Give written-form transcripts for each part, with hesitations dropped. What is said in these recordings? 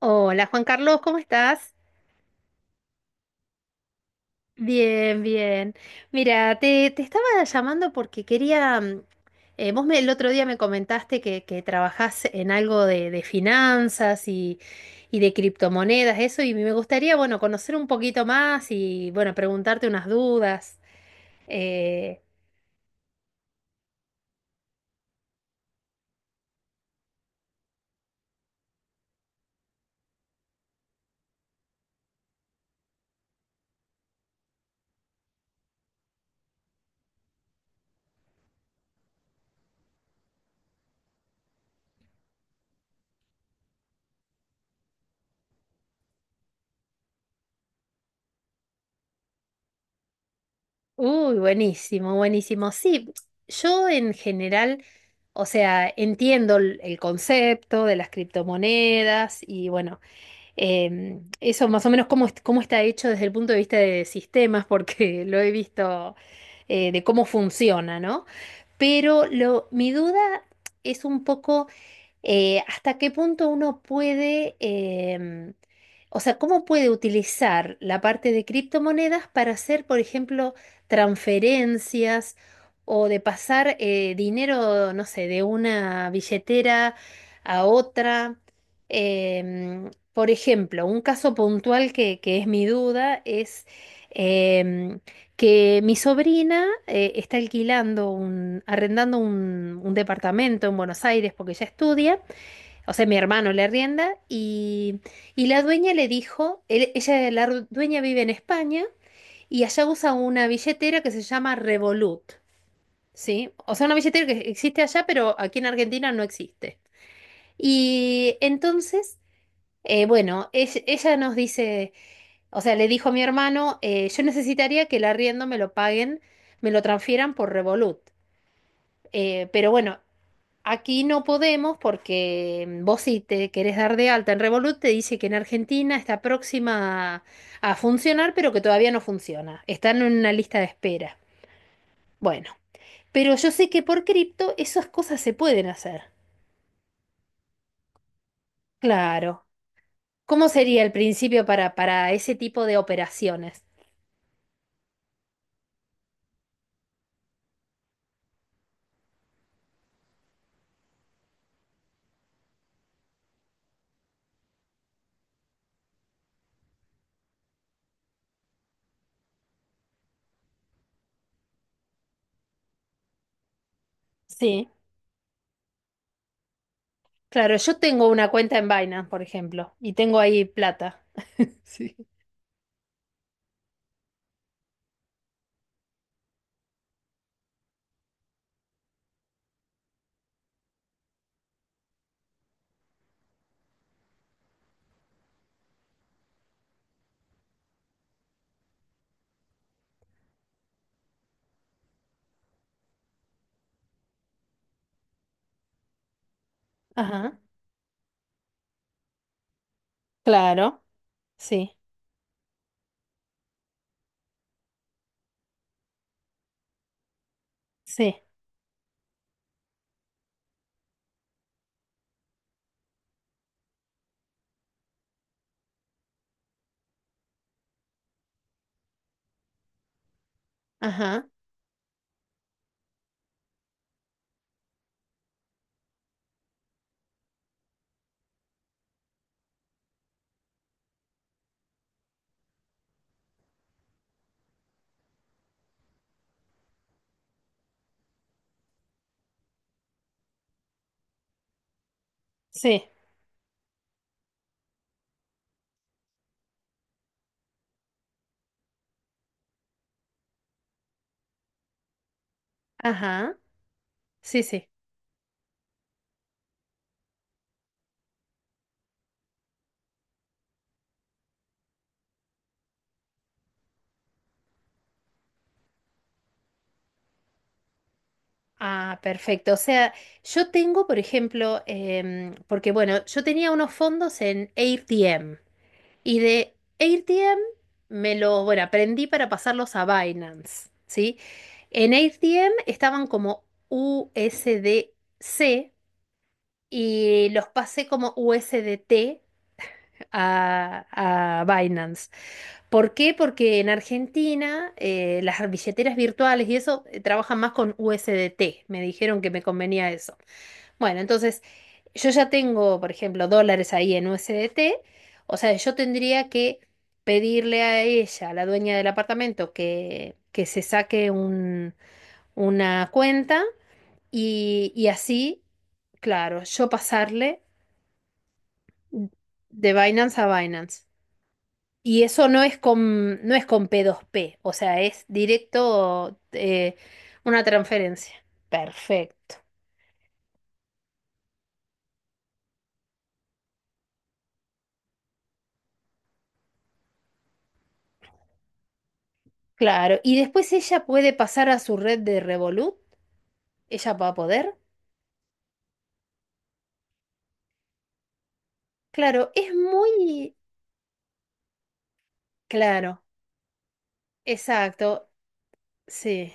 Hola Juan Carlos, ¿cómo estás? Bien, bien. Mira, te estaba llamando porque quería, vos me, el otro día me comentaste que trabajás en algo de finanzas y de criptomonedas, eso, y me gustaría, bueno, conocer un poquito más y, bueno, preguntarte unas dudas. Eh, Uy, buenísimo, buenísimo. Sí, yo en general... O sea, entiendo el concepto de las criptomonedas y bueno, eso más o menos cómo está hecho desde el punto de vista de sistemas, porque lo he visto de cómo funciona, ¿no? Pero lo, mi duda es un poco ¿hasta qué punto uno puede, o sea, cómo puede utilizar la parte de criptomonedas para hacer, por ejemplo, transferencias o de pasar dinero, no sé, de una billetera a otra? Por ejemplo, un caso puntual que es mi duda es em, que mi sobrina está alquilando arrendando un departamento en Buenos Aires porque ella estudia, o sea, mi hermano le arrienda y la dueña le dijo, ella, dueña vive en España y allá usa una billetera que se llama Revolut, ¿sí? O sea, una billetera que existe allá, pero aquí en Argentina no existe. Y entonces, bueno, ella, nos dice, o sea, le dijo a mi hermano, yo necesitaría que el arriendo me lo paguen, me lo transfieran por Revolut. Pero bueno, aquí no podemos porque vos si te querés dar de alta en Revolut te dice que en Argentina está próxima a funcionar, pero que todavía no funciona. Están en una lista de espera. Bueno, pero yo sé que por cripto esas cosas se pueden hacer. Claro. ¿Cómo sería el principio para ese tipo de operaciones? Sí. Claro, yo tengo una cuenta en Binance, por ejemplo, y tengo ahí plata. Sí. Ajá. Claro. Sí. Sí. Ajá. Sí. Ajá. Sí, sí. Ah, perfecto. O sea, yo tengo, por ejemplo, porque bueno, yo tenía unos fondos en AirTM, y de AirTM me lo, bueno, aprendí para pasarlos a Binance, ¿sí? En AirTM estaban como U S D C y los pasé como USDT a Binance. ¿Por qué? Porque en Argentina las billeteras virtuales y eso trabajan más con USDT. Me dijeron que me convenía eso. Bueno, entonces yo ya tengo, por ejemplo, dólares ahí en USDT. O sea, yo tendría que pedirle a ella, a la dueña del apartamento, que se saque una cuenta y así, claro, yo pasarle de Binance a Binance. Y eso no es con, no es con p dos p, o sea, es directo, una transferencia. Perfecto. Claro. Y después ella puede pasar a su red de Revolut. Ella va a poder. Claro, es muy claro. Exacto. Sí.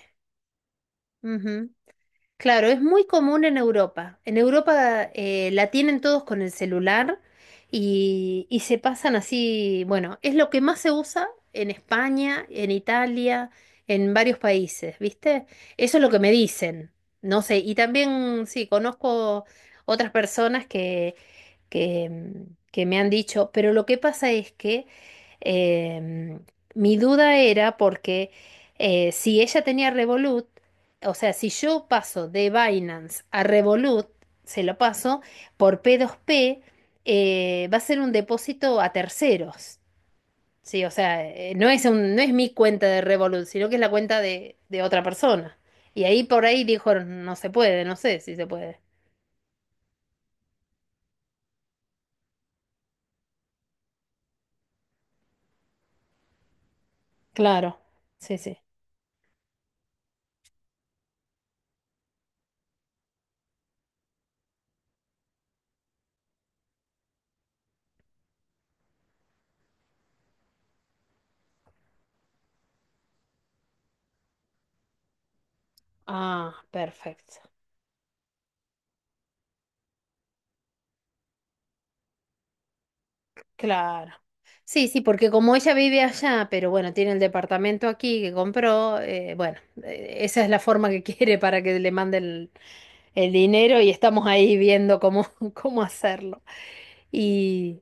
Claro, es muy común en Europa. En Europa la tienen todos con el celular y se pasan así, bueno, es lo que más se usa en España, en Italia, en varios países, ¿viste? Eso es lo que me dicen. No sé, y también sí, conozco otras personas que, que me han dicho, pero lo que pasa es que em, mi duda era porque si ella tenía Revolut, o sea, si yo paso de Binance a Revolut, se lo paso por p dos p, va a ser un depósito a terceros. Sí, o sea, no es un, no es mi cuenta de Revolut, sino que es la cuenta de otra persona. Y ahí por ahí dijo, no se puede, no sé si se puede. Claro, sí, sí. Ah, perfecto. Claro. Sí, sí, porque como ella vive allá, pero bueno, tiene el departamento aquí que compró, bueno, esa es la forma que quiere para que le mande el dinero y estamos ahí viendo cómo, cómo hacerlo. Y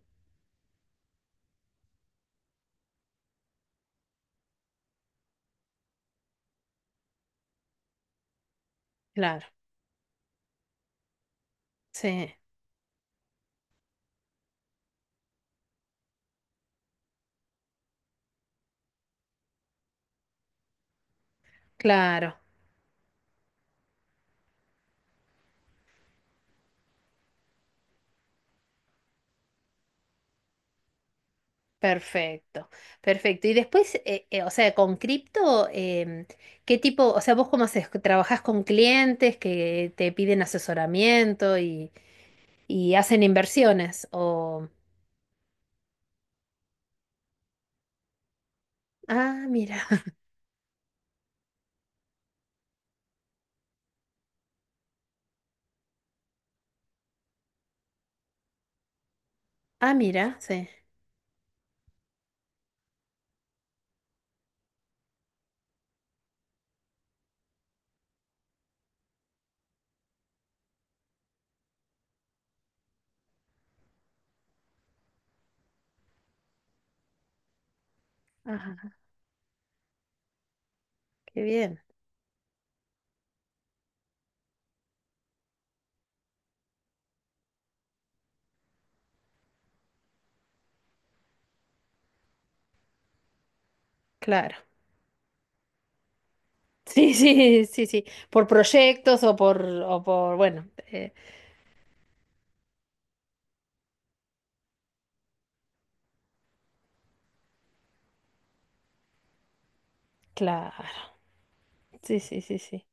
claro, sí, claro, perfecto, perfecto. Y después, o sea, con cripto, ¿qué tipo, o sea, vos cómo haces? ¿Trabajás con clientes que te piden asesoramiento y hacen inversiones? Ah, mira. Ah, mira, sí. Ajá, qué bien. Claro. Sí, sí, sí, sí. Por proyectos o por, bueno, claro. Sí, sí, sí, sí.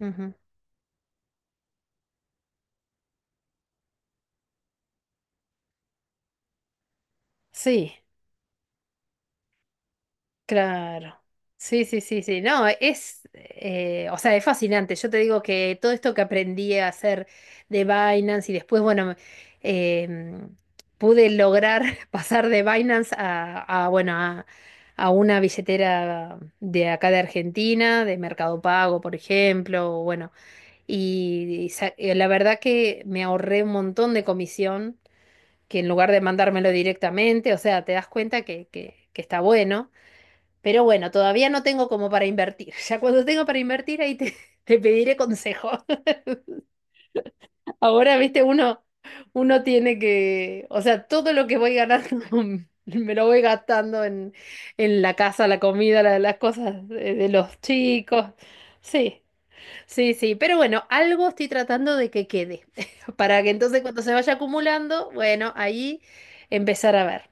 Ujú. Sí, claro. Sí, sí, sí, sí. No, es, o sea, es fascinante. Yo te digo que todo esto que aprendí a hacer de Binance y después, bueno, eh, pude lograr pasar de Binance a, bueno, a una billetera de acá de Argentina, de Mercado Pago, por ejemplo, o bueno, y, la verdad que me ahorré un montón de comisión, que en lugar de mandármelo directamente, o sea, te das cuenta que está bueno. Pero bueno, todavía no tengo como para invertir. Ya cuando tengo para invertir, ahí te, te pediré consejo. Ahora, viste, uno tiene que, o sea, todo lo que voy ganando me lo voy gastando en la casa, la comida, las cosas de los chicos. Sí, sí, sí. Pero bueno, algo estoy tratando de que quede. Para que entonces cuando se vaya acumulando, bueno, ahí empezar a ver.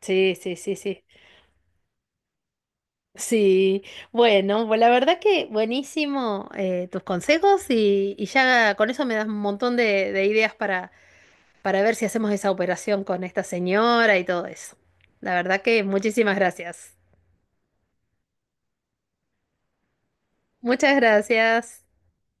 Sí, sí, sí, sí. Sí, bueno, pues la verdad que buenísimo, tus consejos y ya con eso me das un montón de ideas para ver si hacemos esa operación con esta señora y todo eso. La verdad que muchísimas gracias. Muchas gracias.